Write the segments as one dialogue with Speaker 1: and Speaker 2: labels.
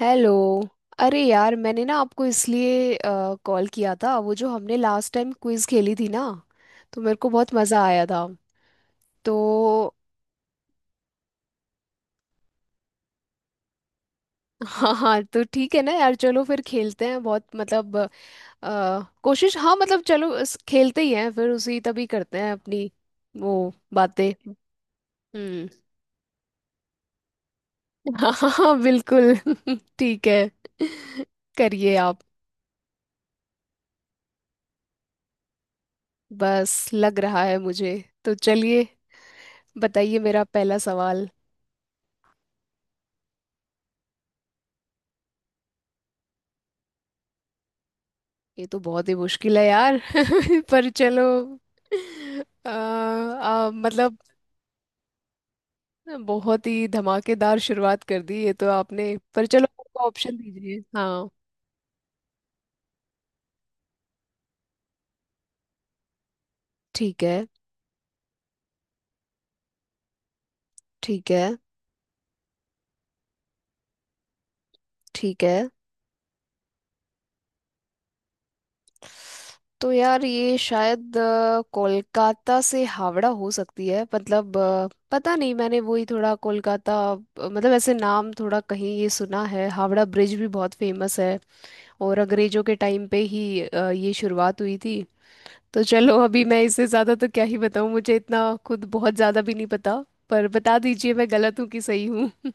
Speaker 1: Hello. अरे यार मैंने ना आपको इसलिए कॉल किया था, वो जो हमने लास्ट टाइम क्विज खेली थी ना, तो मेरे को बहुत मज़ा आया था। तो हाँ हाँ, तो ठीक है ना यार, चलो फिर खेलते हैं। बहुत मतलब कोशिश हाँ मतलब, चलो खेलते ही हैं फिर, उसी तभी करते हैं अपनी वो बातें। हम्म। हाँ हाँ हाँ, बिल्कुल। ठीक है, करिए आप। बस लग रहा है मुझे। तो चलिए, बताइए मेरा पहला सवाल। ये तो बहुत ही मुश्किल है यार, पर चलो। आ, आ, मतलब बहुत ही धमाकेदार शुरुआत कर दी ये तो आपने, पर चलो, ऑप्शन दीजिए हाँ। ठीक है। ठीक है। ठीक है। तो यार ये शायद कोलकाता से हावड़ा हो सकती है। मतलब पता नहीं, मैंने वही थोड़ा कोलकाता मतलब ऐसे नाम थोड़ा कहीं ये सुना है। हावड़ा ब्रिज भी बहुत फेमस है, और अंग्रेजों के टाइम पे ही ये शुरुआत हुई थी। तो चलो, अभी मैं इससे ज़्यादा तो क्या ही बताऊँ, मुझे इतना खुद बहुत ज़्यादा भी नहीं पता। पर बता दीजिए मैं गलत हूँ कि सही हूँ?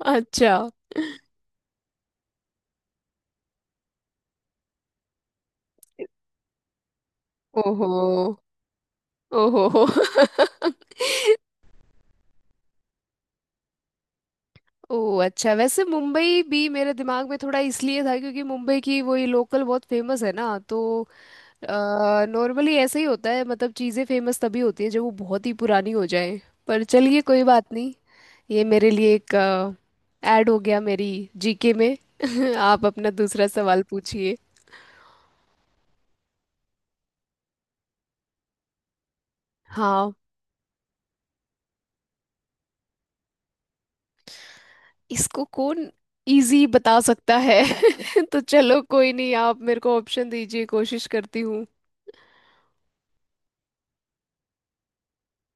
Speaker 1: अच्छा। ओहो। ओहो हो। ओ अच्छा, वैसे मुंबई भी मेरे दिमाग में थोड़ा इसलिए था क्योंकि मुंबई की वही लोकल बहुत फेमस है ना। तो नॉर्मली ऐसे ही होता है, मतलब चीज़ें फेमस तभी होती हैं जब वो बहुत ही पुरानी हो जाए। पर चलिए कोई बात नहीं। ये मेरे लिए एक ऐड हो गया मेरी जीके में। आप अपना दूसरा सवाल पूछिए। हाँ। इसको कौन इजी बता सकता है? तो चलो कोई नहीं, आप मेरे को ऑप्शन दीजिए, कोशिश करती हूँ।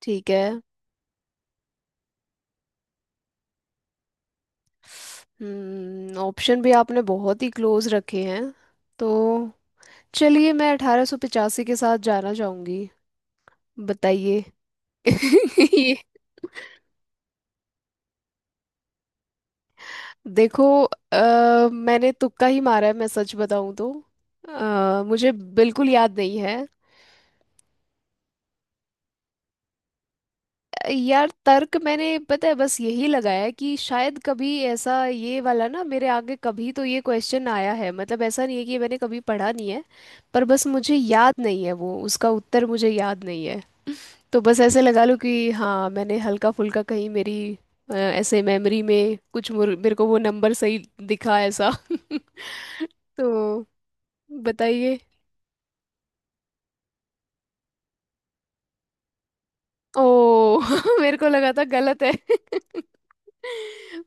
Speaker 1: ठीक है। हम्म। ऑप्शन भी आपने बहुत ही क्लोज रखे हैं। तो चलिए मैं 1885 के साथ जाना चाहूंगी। बताइए। ये। देखो मैंने तुक्का ही मारा है, मैं सच बताऊं तो। मुझे बिल्कुल याद नहीं है। यार तर्क मैंने पता है, बस यही लगाया कि शायद कभी ऐसा, ये वाला ना, मेरे आगे कभी तो ये क्वेश्चन आया है। मतलब ऐसा नहीं है कि मैंने कभी पढ़ा नहीं है, पर बस मुझे याद नहीं है वो, उसका उत्तर मुझे याद नहीं है। तो बस ऐसे लगा लो कि हाँ, मैंने हल्का फुल्का कहीं मेरी ऐसे मेमोरी में कुछ मेरे को वो नंबर सही दिखा, ऐसा। तो बताइए। ओ, मेरे को लगा था गलत है।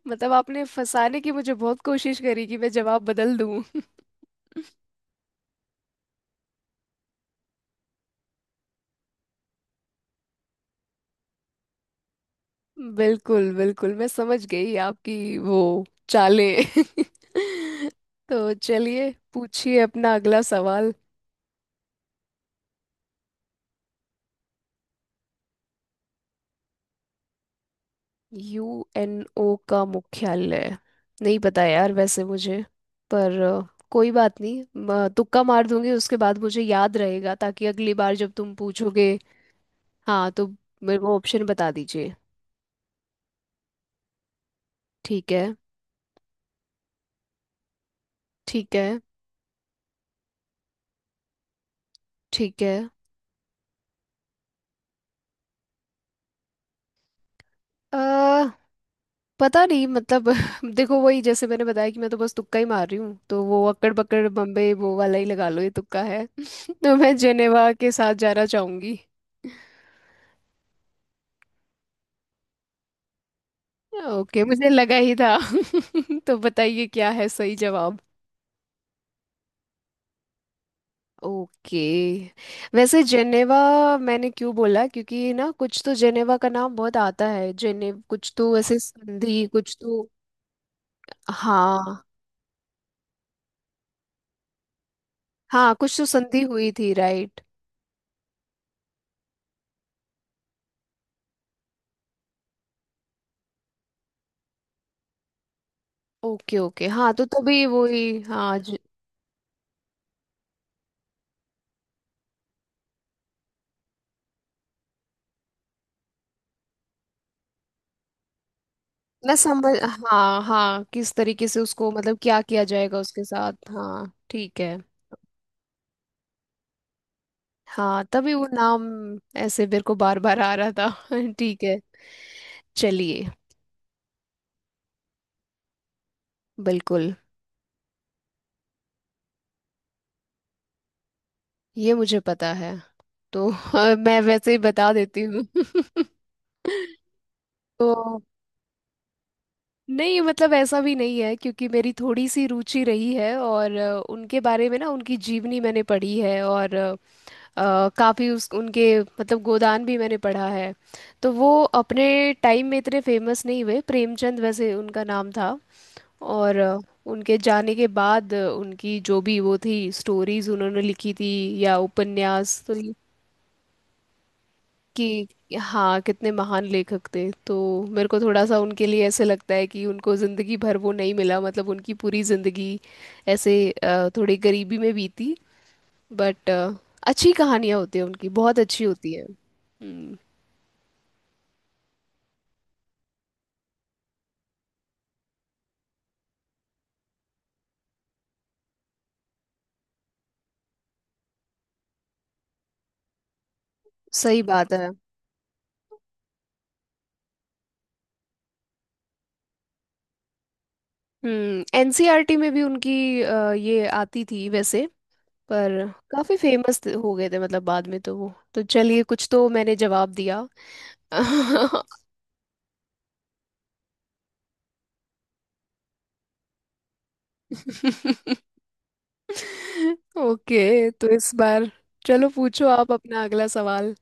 Speaker 1: मतलब आपने फंसाने की मुझे बहुत कोशिश करी कि मैं जवाब बदल दूं। बिल्कुल बिल्कुल, मैं समझ गई आपकी वो चालें। तो चलिए, पूछिए अपना अगला सवाल। यूएनओ का मुख्यालय नहीं पता यार वैसे मुझे। पर कोई बात नहीं, तुक्का मार दूंगी, उसके बाद मुझे याद रहेगा, ताकि अगली बार जब तुम पूछोगे। हाँ, तो मेरे को ऑप्शन बता दीजिए। ठीक है। ठीक है। ठीक है। अ पता नहीं मतलब, देखो वही जैसे मैंने बताया कि मैं तो बस तुक्का ही मार रही हूँ, तो वो अक्कड़ बक्कड़ बम्बे वो वाला ही लगा लो, ये तुक्का है। तो मैं जेनेवा के साथ जाना चाहूंगी। ओके, मुझे लगा ही था। तो बताइए क्या है सही जवाब? ओके, वैसे जेनेवा मैंने क्यों बोला, क्योंकि ना कुछ तो जेनेवा का नाम बहुत आता है। जेने कुछ तो ऐसे संधि कुछ तो। हाँ हाँ, कुछ तो संधि हुई थी, राइट। ओके ओके, हाँ तो तभी वही, हाँ मैं समझ, हाँ हाँ, किस तरीके से उसको मतलब क्या किया जाएगा उसके साथ, हाँ ठीक है। हाँ तभी वो नाम ऐसे मेरे को बार बार आ रहा था। ठीक है। चलिए। बिल्कुल, ये मुझे पता है तो, मैं वैसे ही बता देती हूँ। तो नहीं, मतलब ऐसा भी नहीं है, क्योंकि मेरी थोड़ी सी रुचि रही है, और उनके बारे में ना उनकी जीवनी मैंने पढ़ी है, और काफ़ी उस उनके मतलब गोदान भी मैंने पढ़ा है। तो वो अपने टाइम में इतने फेमस नहीं हुए, प्रेमचंद वैसे उनका नाम था। और उनके जाने के बाद उनकी जो भी वो थी स्टोरीज उन्होंने लिखी थी, या उपन्यास, तो कि हाँ, कितने महान लेखक थे। तो मेरे को थोड़ा सा उनके लिए ऐसे लगता है कि उनको जिंदगी भर वो नहीं मिला, मतलब उनकी पूरी जिंदगी ऐसे थोड़ी गरीबी में बीती। बट अच्छी कहानियां होती है उनकी, बहुत अच्छी होती है। हम्म। सही बात है। हम्म। एनसीईआरटी में भी उनकी ये आती थी वैसे। पर काफी फेमस हो गए थे, मतलब बाद में तो वो, तो चलिए कुछ तो मैंने जवाब दिया। ओके तो इस बार, चलो पूछो आप अपना अगला सवाल।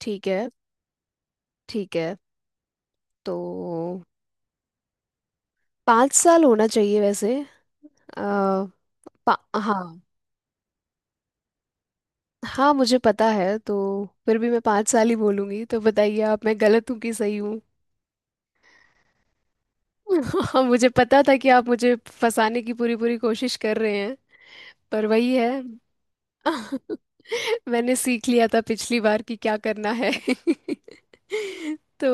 Speaker 1: ठीक है। ठीक है। तो 5 साल होना चाहिए वैसे। आ, हाँ हाँ मुझे पता है, तो फिर भी मैं पाँच साल ही बोलूंगी। तो बताइए आप, मैं गलत हूँ कि सही हूँ? मुझे पता था कि आप मुझे फंसाने की पूरी पूरी कोशिश कर रहे हैं। पर वही है, मैंने सीख लिया था पिछली बार कि क्या करना है। तो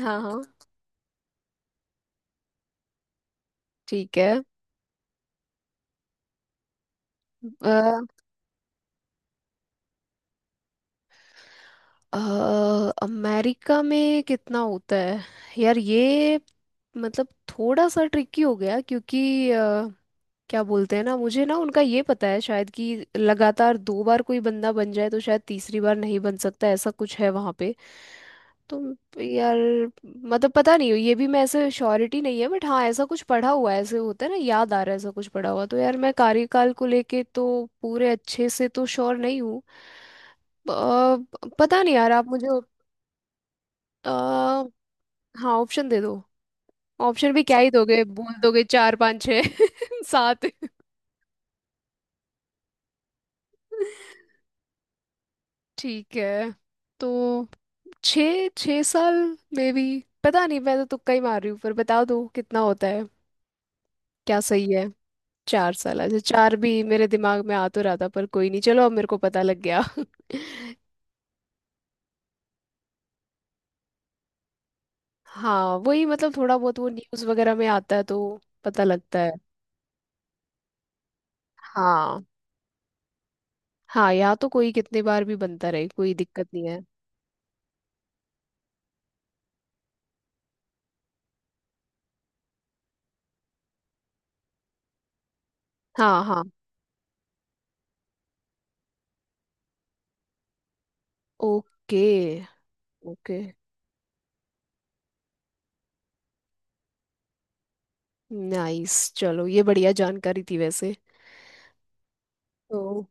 Speaker 1: हाँ हाँ, ठीक है। अ, अमेरिका में कितना होता है यार ये? मतलब थोड़ा सा ट्रिकी हो गया, क्योंकि क्या बोलते हैं ना, मुझे ना उनका ये पता है शायद कि लगातार दो बार कोई बंदा बन जाए तो शायद तीसरी बार नहीं बन सकता, ऐसा कुछ है वहां पे। तो यार मतलब पता नहीं, ये भी मैं ऐसे श्योरिटी नहीं है, बट हाँ ऐसा कुछ पढ़ा हुआ है, ऐसे होता है ना, याद आ रहा है ऐसा कुछ पढ़ा हुआ। तो यार मैं कार्यकाल को लेके तो पूरे अच्छे से तो श्योर नहीं हूँ। अ, पता नहीं यार, आप मुझे अ, हाँ ऑप्शन दे दो। ऑप्शन भी क्या ही दोगे, बोल दोगे चार पाँच छः, सात। ठीक है, तो छः छः साल में भी पता नहीं, मैं तो तुक्का ही मार रही हूँ। पर बता दो कितना होता है, क्या सही है? 4 साल, अच्छा। चार भी मेरे दिमाग में आ तो रहा था, पर कोई नहीं, चलो अब मेरे को पता लग गया। हाँ वही, मतलब थोड़ा बहुत वो न्यूज़ वगैरह में आता है तो पता लगता है। हाँ हाँ, यहाँ तो कोई कितने बार भी बनता रहे कोई दिक्कत नहीं है। हाँ हाँ। Okay okay. नाइस, चलो ये बढ़िया जानकारी थी वैसे। तो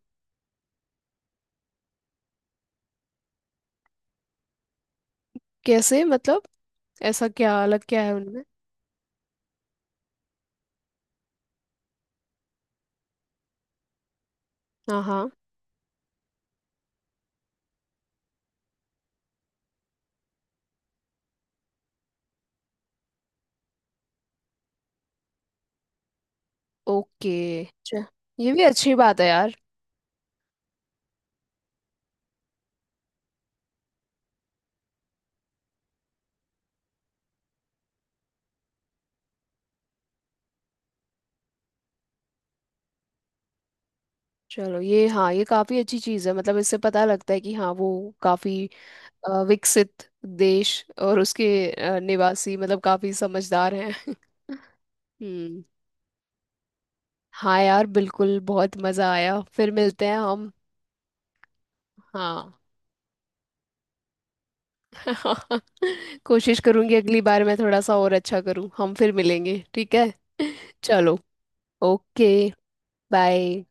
Speaker 1: कैसे मतलब, ऐसा क्या अलग क्या है उनमें? हाँ हाँ ओके अच्छा, ये भी अच्छी बात है यार। चलो ये हाँ, ये काफी अच्छी चीज है, मतलब इससे पता लगता है कि हाँ वो काफी विकसित देश और उसके निवासी मतलब काफी समझदार हैं। हम्म। हाँ यार बिल्कुल, बहुत मजा आया, फिर मिलते हैं हम। हाँ, कोशिश करूंगी अगली बार मैं थोड़ा सा और अच्छा करूँ, हम फिर मिलेंगे ठीक है। चलो। ओके। बाय।